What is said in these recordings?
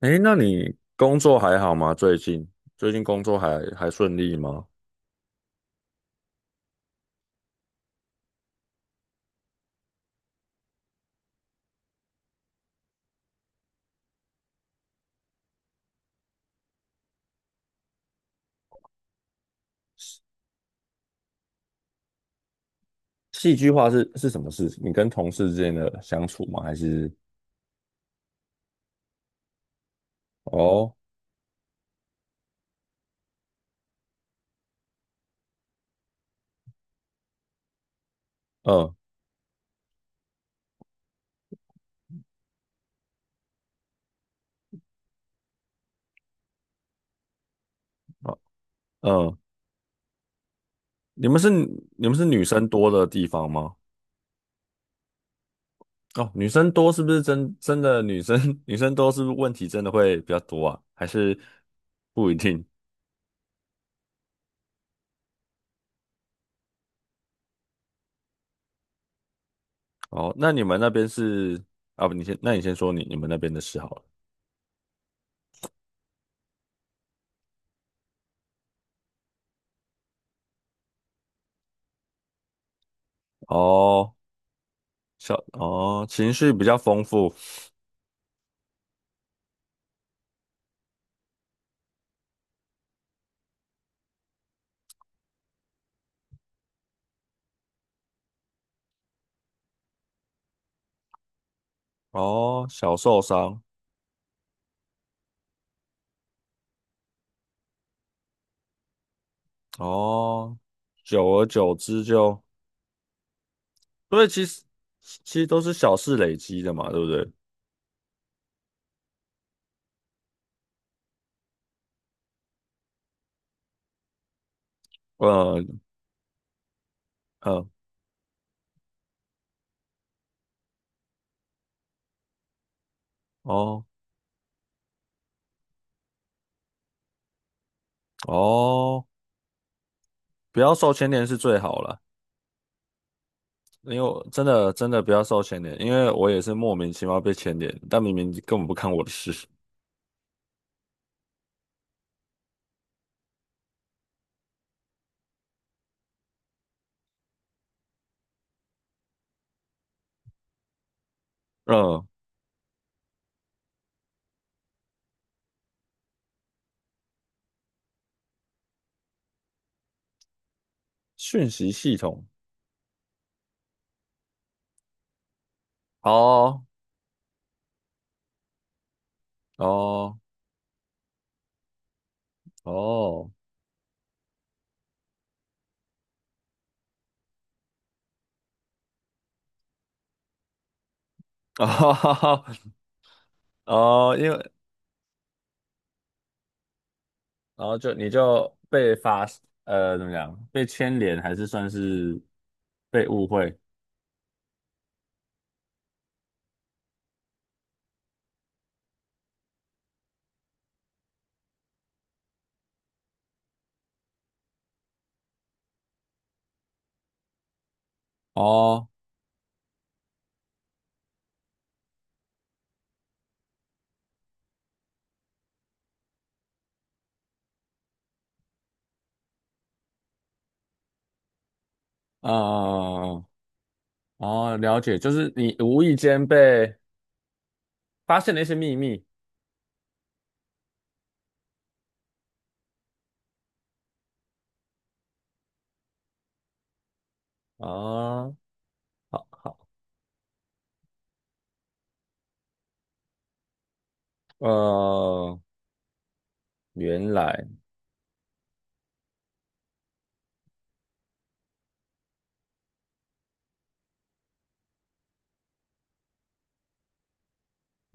诶，那你工作还好吗？最近工作还顺利吗？戏剧化是什么事？情？你跟同事之间的相处吗？还是哦，嗯。哦。嗯。你们是你们是女生多的地方吗？哦，女生多是不是真的女生 女生多是不是问题真的会比较多啊？还是不一定？哦，那你们那边是啊不，你先那你先说你们那边的事好了。哦，小哦，情绪比较丰富。哦，小受伤。哦，久而久之就，所以其实都是小事累积的嘛，对不对？呃呃，哦。哦，不要受牵连是最好了。因为我真的不要受牵连，因为我也是莫名其妙被牵连，但明明根本不看我的事。嗯，讯息系统。哦。哦。哦。哦。哦，因为然后就你就被发，怎么讲？被牵连还是算是被误会？哦，嗯，哦，了解，就是你无意间被发现了一些秘密啊，好，呃，原来，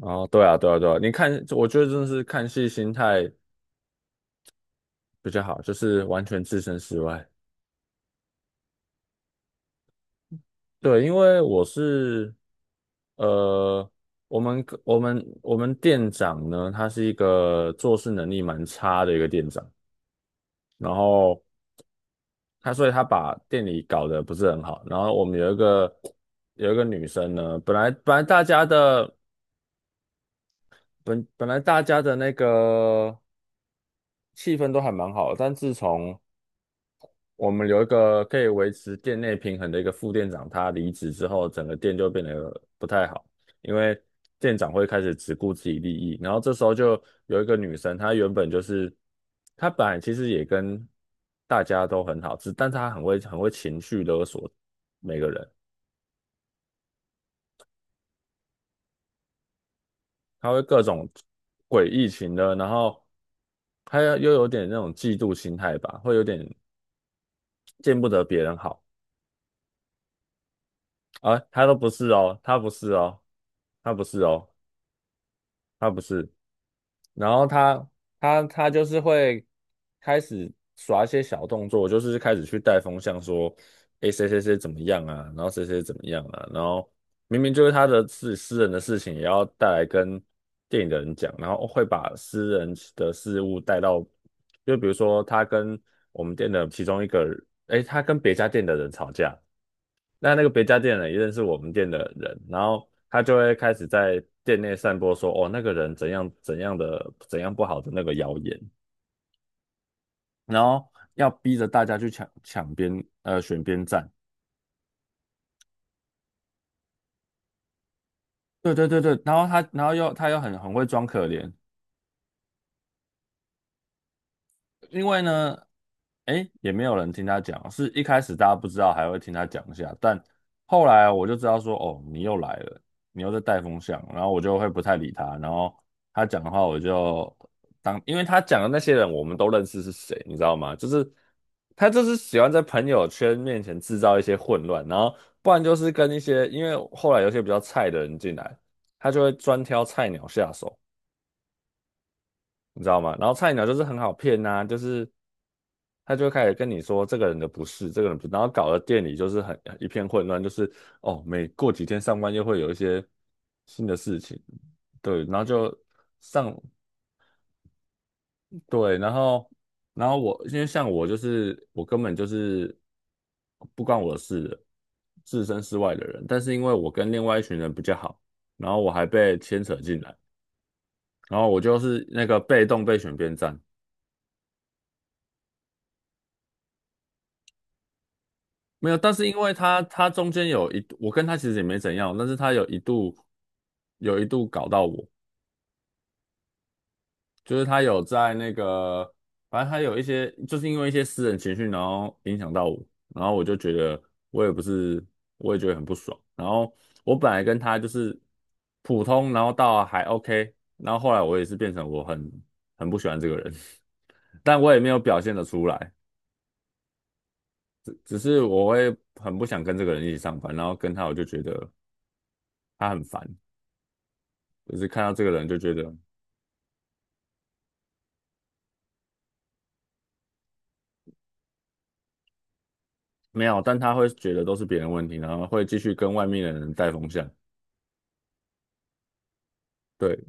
哦，对啊，对啊，对啊，你看，我觉得真的是看戏心态比较好，就是完全置身事外。对，因为我是呃，我们店长呢，他是一个做事能力蛮差的一个店长，然后他所以他把店里搞得不是很好。然后我们有一个女生呢，本来大家的本来大家的那个气氛都还蛮好，但自从我们有一个可以维持店内平衡的一个副店长，他离职之后，整个店就变得不太好。因为店长会开始只顾自己利益。然后这时候就有一个女生，她原本就是她本来其实也跟大家都很好，只但她很会情绪勒索每个人。她会各种诡异情的，然后她又有点那种嫉妒心态吧，会有点见不得别人好。啊，她都不是哦，她不是哦，她不是哦，他不是，然后他就是会开始耍一些小动作，就是开始去带风向说，诶，谁谁谁怎么样啊，然后谁谁怎么样啊，然后明明就是他的自私人的事情，也要带来跟电影的人讲，然后会把私人的事物带到，就比如说他跟我们店的其中一个，诶，他跟别家店的人吵架。那那个别家店的人也认识我们店的人，然后他就会开始在店内散播说，哦，那个人怎样怎样的怎样不好的那个谣言，然后要逼着大家去抢抢边呃选边站。对对对对，然后他又很会装可怜。因为呢，哎，也没有人听他讲，是一开始大家不知道，还会听他讲一下，但后来我就知道说，哦，你又来了，你又在带风向，然后我就会不太理他，然后他讲的话我就当，因为他讲的那些人我们都认识是谁，你知道吗？就是他就是喜欢在朋友圈面前制造一些混乱，然后不然就是跟一些，因为后来有些比较菜的人进来，他就会专挑菜鸟下手，你知道吗？然后菜鸟就是很好骗呐、就是他就会开始跟你说这个人的不是，这个人不是，然后搞得店里就是很一片混乱，就是哦，每过几天上班又会有一些新的事情。对，然后就上，对，然后然后我因为像我就是我根本就是不关我的事的，置身事外的人，但是因为我跟另外一群人比较好，然后我还被牵扯进来，然后我就是那个被动被选边站。没有，但是因为他他中间有一，我跟他其实也没怎样，但是他有一度搞到我，就是他有在那个，反正他有一些，就是因为一些私人情绪，然后影响到我，然后我就觉得我也不是，我也觉得很不爽。然后我本来跟他就是普通，然后到还 OK,然后后来我也是变成我很不喜欢这个人。但我也没有表现得出来，只是我会很不想跟这个人一起上班，然后跟他我就觉得他很烦。就是看到这个人就觉得没有，但他会觉得都是别人问题，然后会继续跟外面的人带风向。对，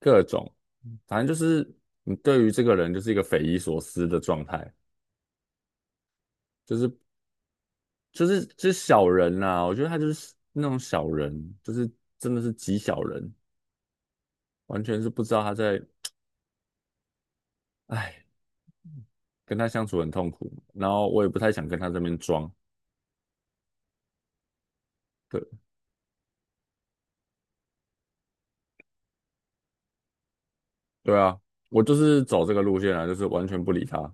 各种，反正就是你对于这个人就是一个匪夷所思的状态。就是小人啦、我觉得他就是那种小人，就是真的是极小人，完全是不知道他在，哎，跟他相处很痛苦，然后我也不太想跟他这边装。对，对啊，我就是走这个路线啊，就是完全不理他，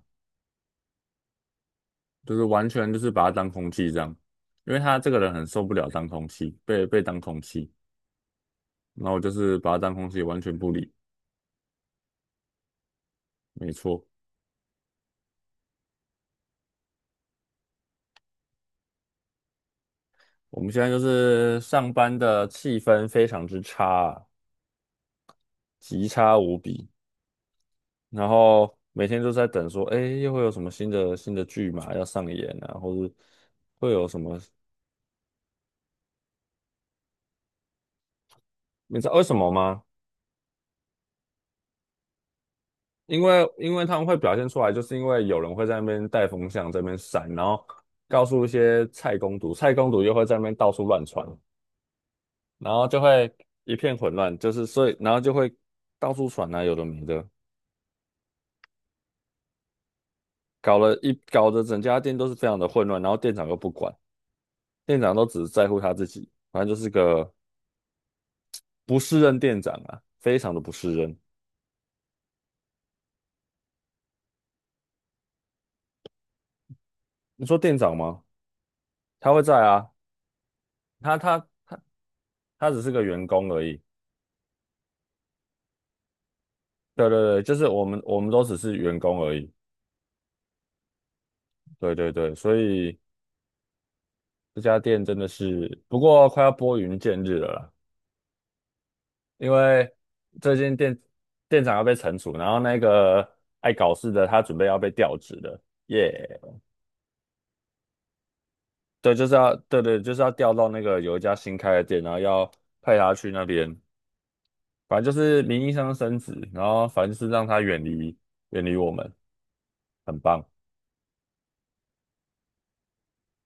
就是完全就是把他当空气这样，因为他这个人很受不了当空气，被当空气，然后我就是把他当空气，完全不理。没错。我们现在就是上班的气氛非常之差啊极差无比。然后每天都在等说，哎，又会有什么新的剧嘛要上演啊，或是会有什么，你知道为什么吗？因为他们会表现出来，就是因为有人会在那边带风向，在那边闪，然后告诉一些菜公主，菜公主又会在那边到处乱传，然后就会一片混乱，就是所以然后就会到处传啊，有的没的，搞了一搞得整家店都是非常的混乱，然后店长又不管，店长都只在乎他自己，反正就是个不是任店长啊，非常的不是任。你说店长吗？他会在啊，他他他只是个员工而已。对对对，就是我们都只是员工而已。对对对，所以这家店真的是，不过快要拨云见日了啦，因为最近店长要被惩处，然后那个爱搞事的他准备要被调职的，耶、对，就是要，对对，就是要调到那个有一家新开的店，然后要派他去那边，反正就是名义上升职，然后反正就是让他远离我们，很棒。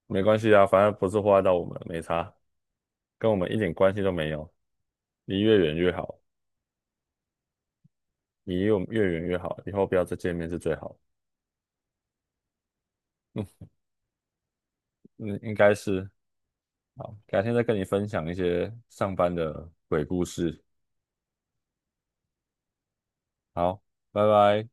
没关系啊，反正不是祸害到我们，没差，跟我们一点关系都没有，离越远越好。离我们越远越好，以后不要再见面是最好。嗯，应该是。好，改天再跟你分享一些上班的鬼故事。好，拜拜。